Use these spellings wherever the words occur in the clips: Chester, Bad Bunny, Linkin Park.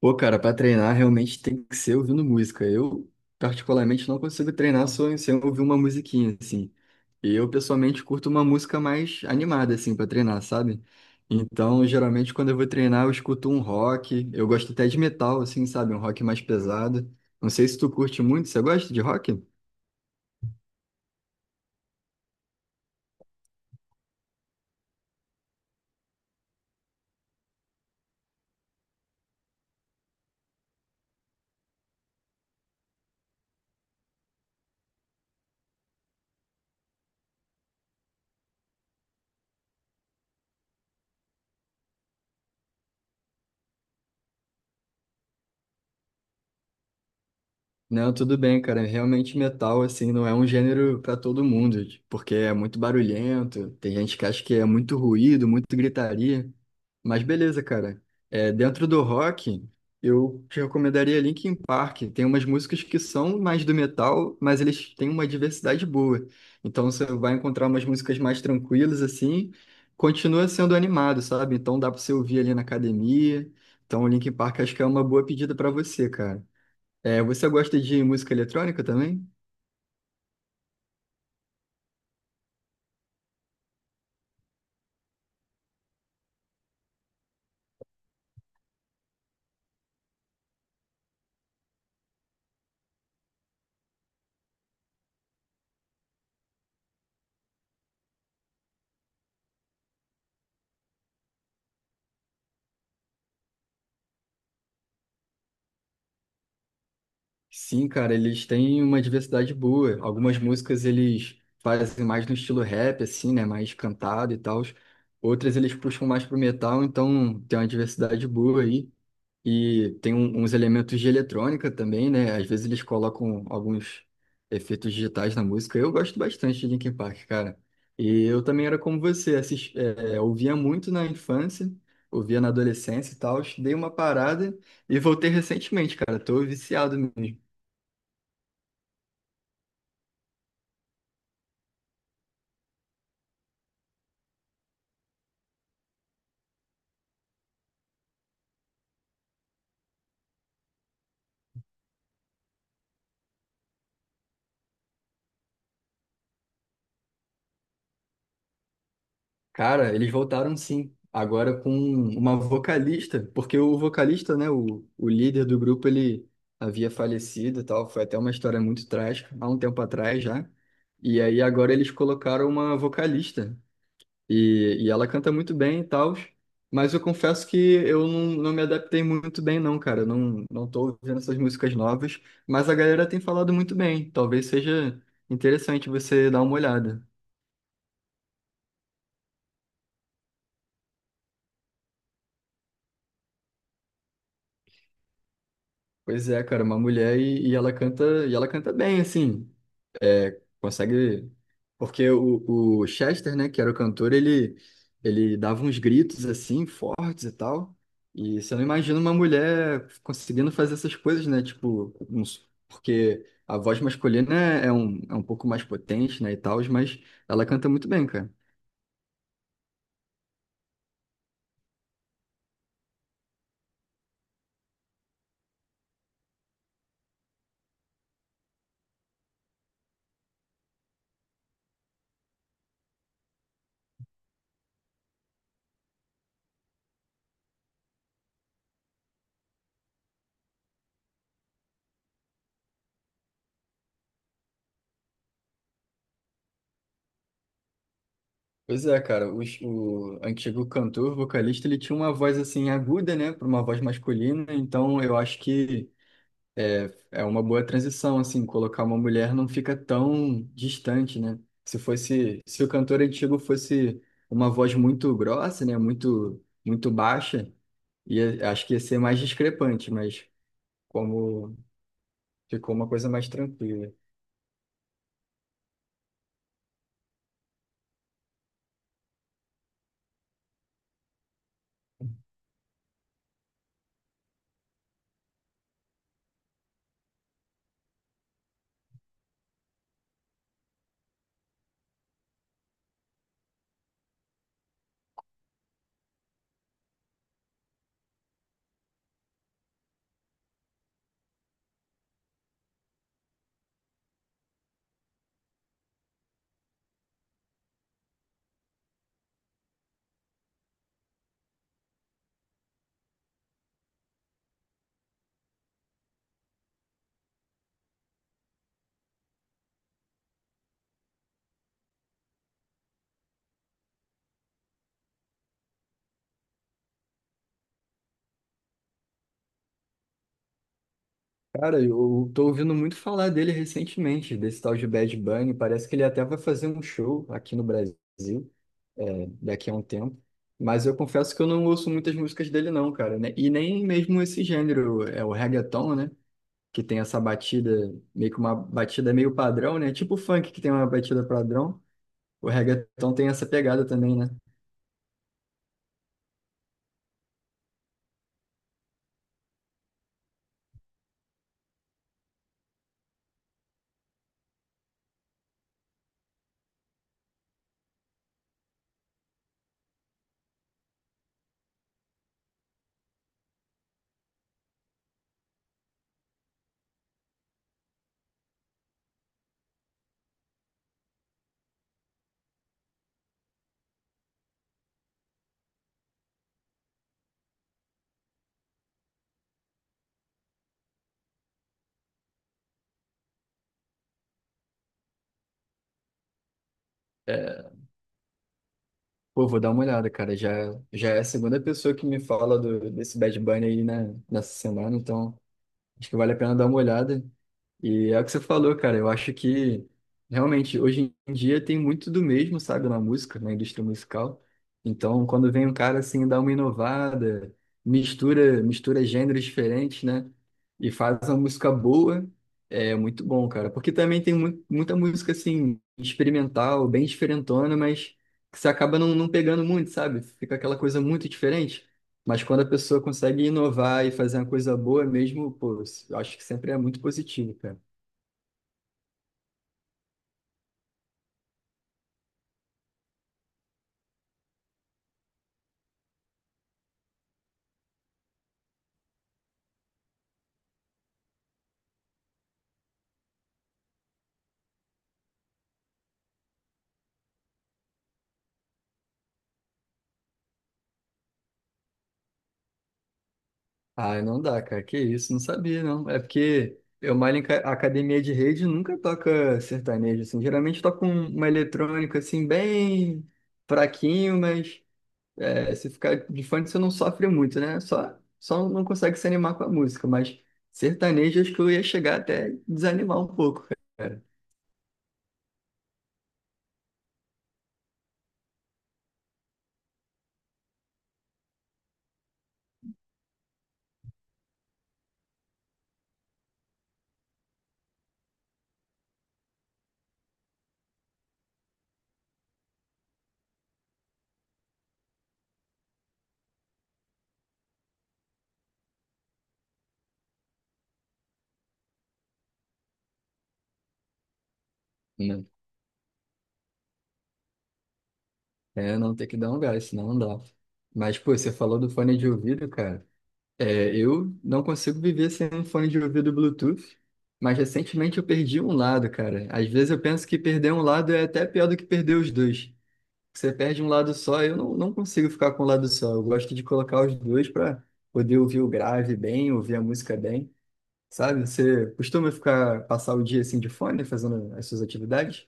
Pô, cara, pra treinar realmente tem que ser ouvindo música. Eu, particularmente, não consigo treinar só sem ouvir uma musiquinha, assim. E eu, pessoalmente, curto uma música mais animada, assim, pra treinar, sabe? Então, geralmente, quando eu vou treinar, eu escuto um rock. Eu gosto até de metal, assim, sabe? Um rock mais pesado. Não sei se tu curte muito. Você gosta de rock? Não, tudo bem, cara. Realmente metal, assim, não é um gênero pra todo mundo, porque é muito barulhento, tem gente que acha que é muito ruído, muito gritaria. Mas beleza, cara. É, dentro do rock, eu te recomendaria Linkin Park. Tem umas músicas que são mais do metal, mas eles têm uma diversidade boa. Então você vai encontrar umas músicas mais tranquilas, assim, continua sendo animado, sabe? Então dá pra você ouvir ali na academia. Então o Linkin Park acho que é uma boa pedida pra você, cara. É, você gosta de música eletrônica também? Sim, cara, eles têm uma diversidade boa. Algumas músicas eles fazem mais no estilo rap, assim, né? Mais cantado e tal. Outras eles puxam mais pro metal, então tem uma diversidade boa aí. E tem uns elementos de eletrônica também, né? Às vezes eles colocam alguns efeitos digitais na música. Eu gosto bastante de Linkin Park, cara. E eu também era como você, ouvia muito na infância, ouvia na adolescência e tal. Dei uma parada e voltei recentemente, cara. Tô viciado mesmo. Cara, eles voltaram sim, agora com uma vocalista, porque o vocalista, né, o líder do grupo, ele havia falecido e tal, foi até uma história muito trágica, há um tempo atrás já, e aí agora eles colocaram uma vocalista, e ela canta muito bem e tal, mas eu confesso que eu não, não me adaptei muito bem não, cara, eu não, não tô ouvindo essas músicas novas, mas a galera tem falado muito bem, talvez seja interessante você dar uma olhada. Pois é, cara, uma mulher e ela canta bem, assim, é, consegue, porque o Chester, né, que era o cantor, ele dava uns gritos, assim, fortes e tal, e você não imagina uma mulher conseguindo fazer essas coisas, né, tipo, porque a voz masculina é, é um pouco mais potente, né, e tal, mas ela canta muito bem, cara. Pois é, cara, o antigo cantor, vocalista, ele tinha uma voz, assim, aguda, né, para uma voz masculina, então eu acho que é uma boa transição, assim, colocar uma mulher não fica tão distante, né? Se fosse, se o cantor antigo fosse uma voz muito grossa, né? Muito, muito baixa, ia, acho que ia ser mais discrepante, mas como ficou uma coisa mais tranquila. Cara, eu tô ouvindo muito falar dele recentemente, desse tal de Bad Bunny. Parece que ele até vai fazer um show aqui no Brasil, é, daqui a um tempo. Mas eu confesso que eu não ouço muitas músicas dele não, cara, né? E nem mesmo esse gênero, é o reggaeton, né? Que tem essa batida, meio que uma batida meio padrão, né? Tipo o funk que tem uma batida padrão, o reggaeton tem essa pegada também, né? É, pô, vou dar uma olhada, cara. Já, já é a segunda pessoa que me fala do, desse Bad Bunny aí, né, nessa semana, então acho que vale a pena dar uma olhada. E é o que você falou, cara. Eu acho que realmente hoje em dia tem muito do mesmo, sabe, na música, na indústria musical. Então, quando vem um cara assim, dá uma inovada, mistura, mistura gêneros diferentes, né? E faz uma música boa, é muito bom, cara. Porque também tem mu muita música assim, experimental, bem diferentona, mas que você acaba não, não pegando muito, sabe? Fica aquela coisa muito diferente. Mas quando a pessoa consegue inovar e fazer uma coisa boa mesmo, pô, eu acho que sempre é muito positivo, cara. Ah, não dá, cara. Que isso? Não sabia, não. É porque eu malho em academia de rede e nunca toca sertanejo, assim. Geralmente toca uma eletrônica, assim, bem fraquinho, mas é, se ficar de fone você não sofre muito, né? Só, só não consegue se animar com a música, mas sertanejo acho que eu ia chegar até desanimar um pouco, cara. É, não tem que dar um gás, senão não dá. Mas, pô, você falou do fone de ouvido, cara. É, eu não consigo viver sem um fone de ouvido Bluetooth, mas recentemente eu perdi um lado, cara. Às vezes eu penso que perder um lado é até pior do que perder os dois. Você perde um lado só, eu não, não consigo ficar com um lado só. Eu gosto de colocar os dois para poder ouvir o grave bem, ouvir a música bem, sabe? Você costuma ficar, passar o dia assim de fone, fazendo as suas atividades?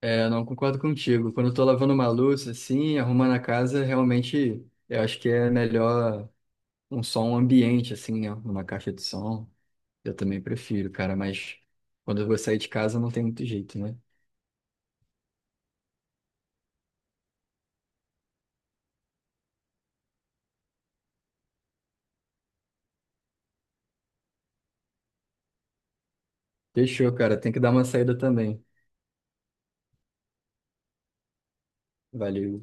É, não concordo contigo. Quando eu tô lavando uma louça, assim, arrumando a casa, realmente eu acho que é melhor um som um ambiente, assim, né? Uma caixa de som. Eu também prefiro, cara, mas quando eu vou sair de casa não tem muito jeito, né? Fechou, cara. Tem que dar uma saída também. Valeu.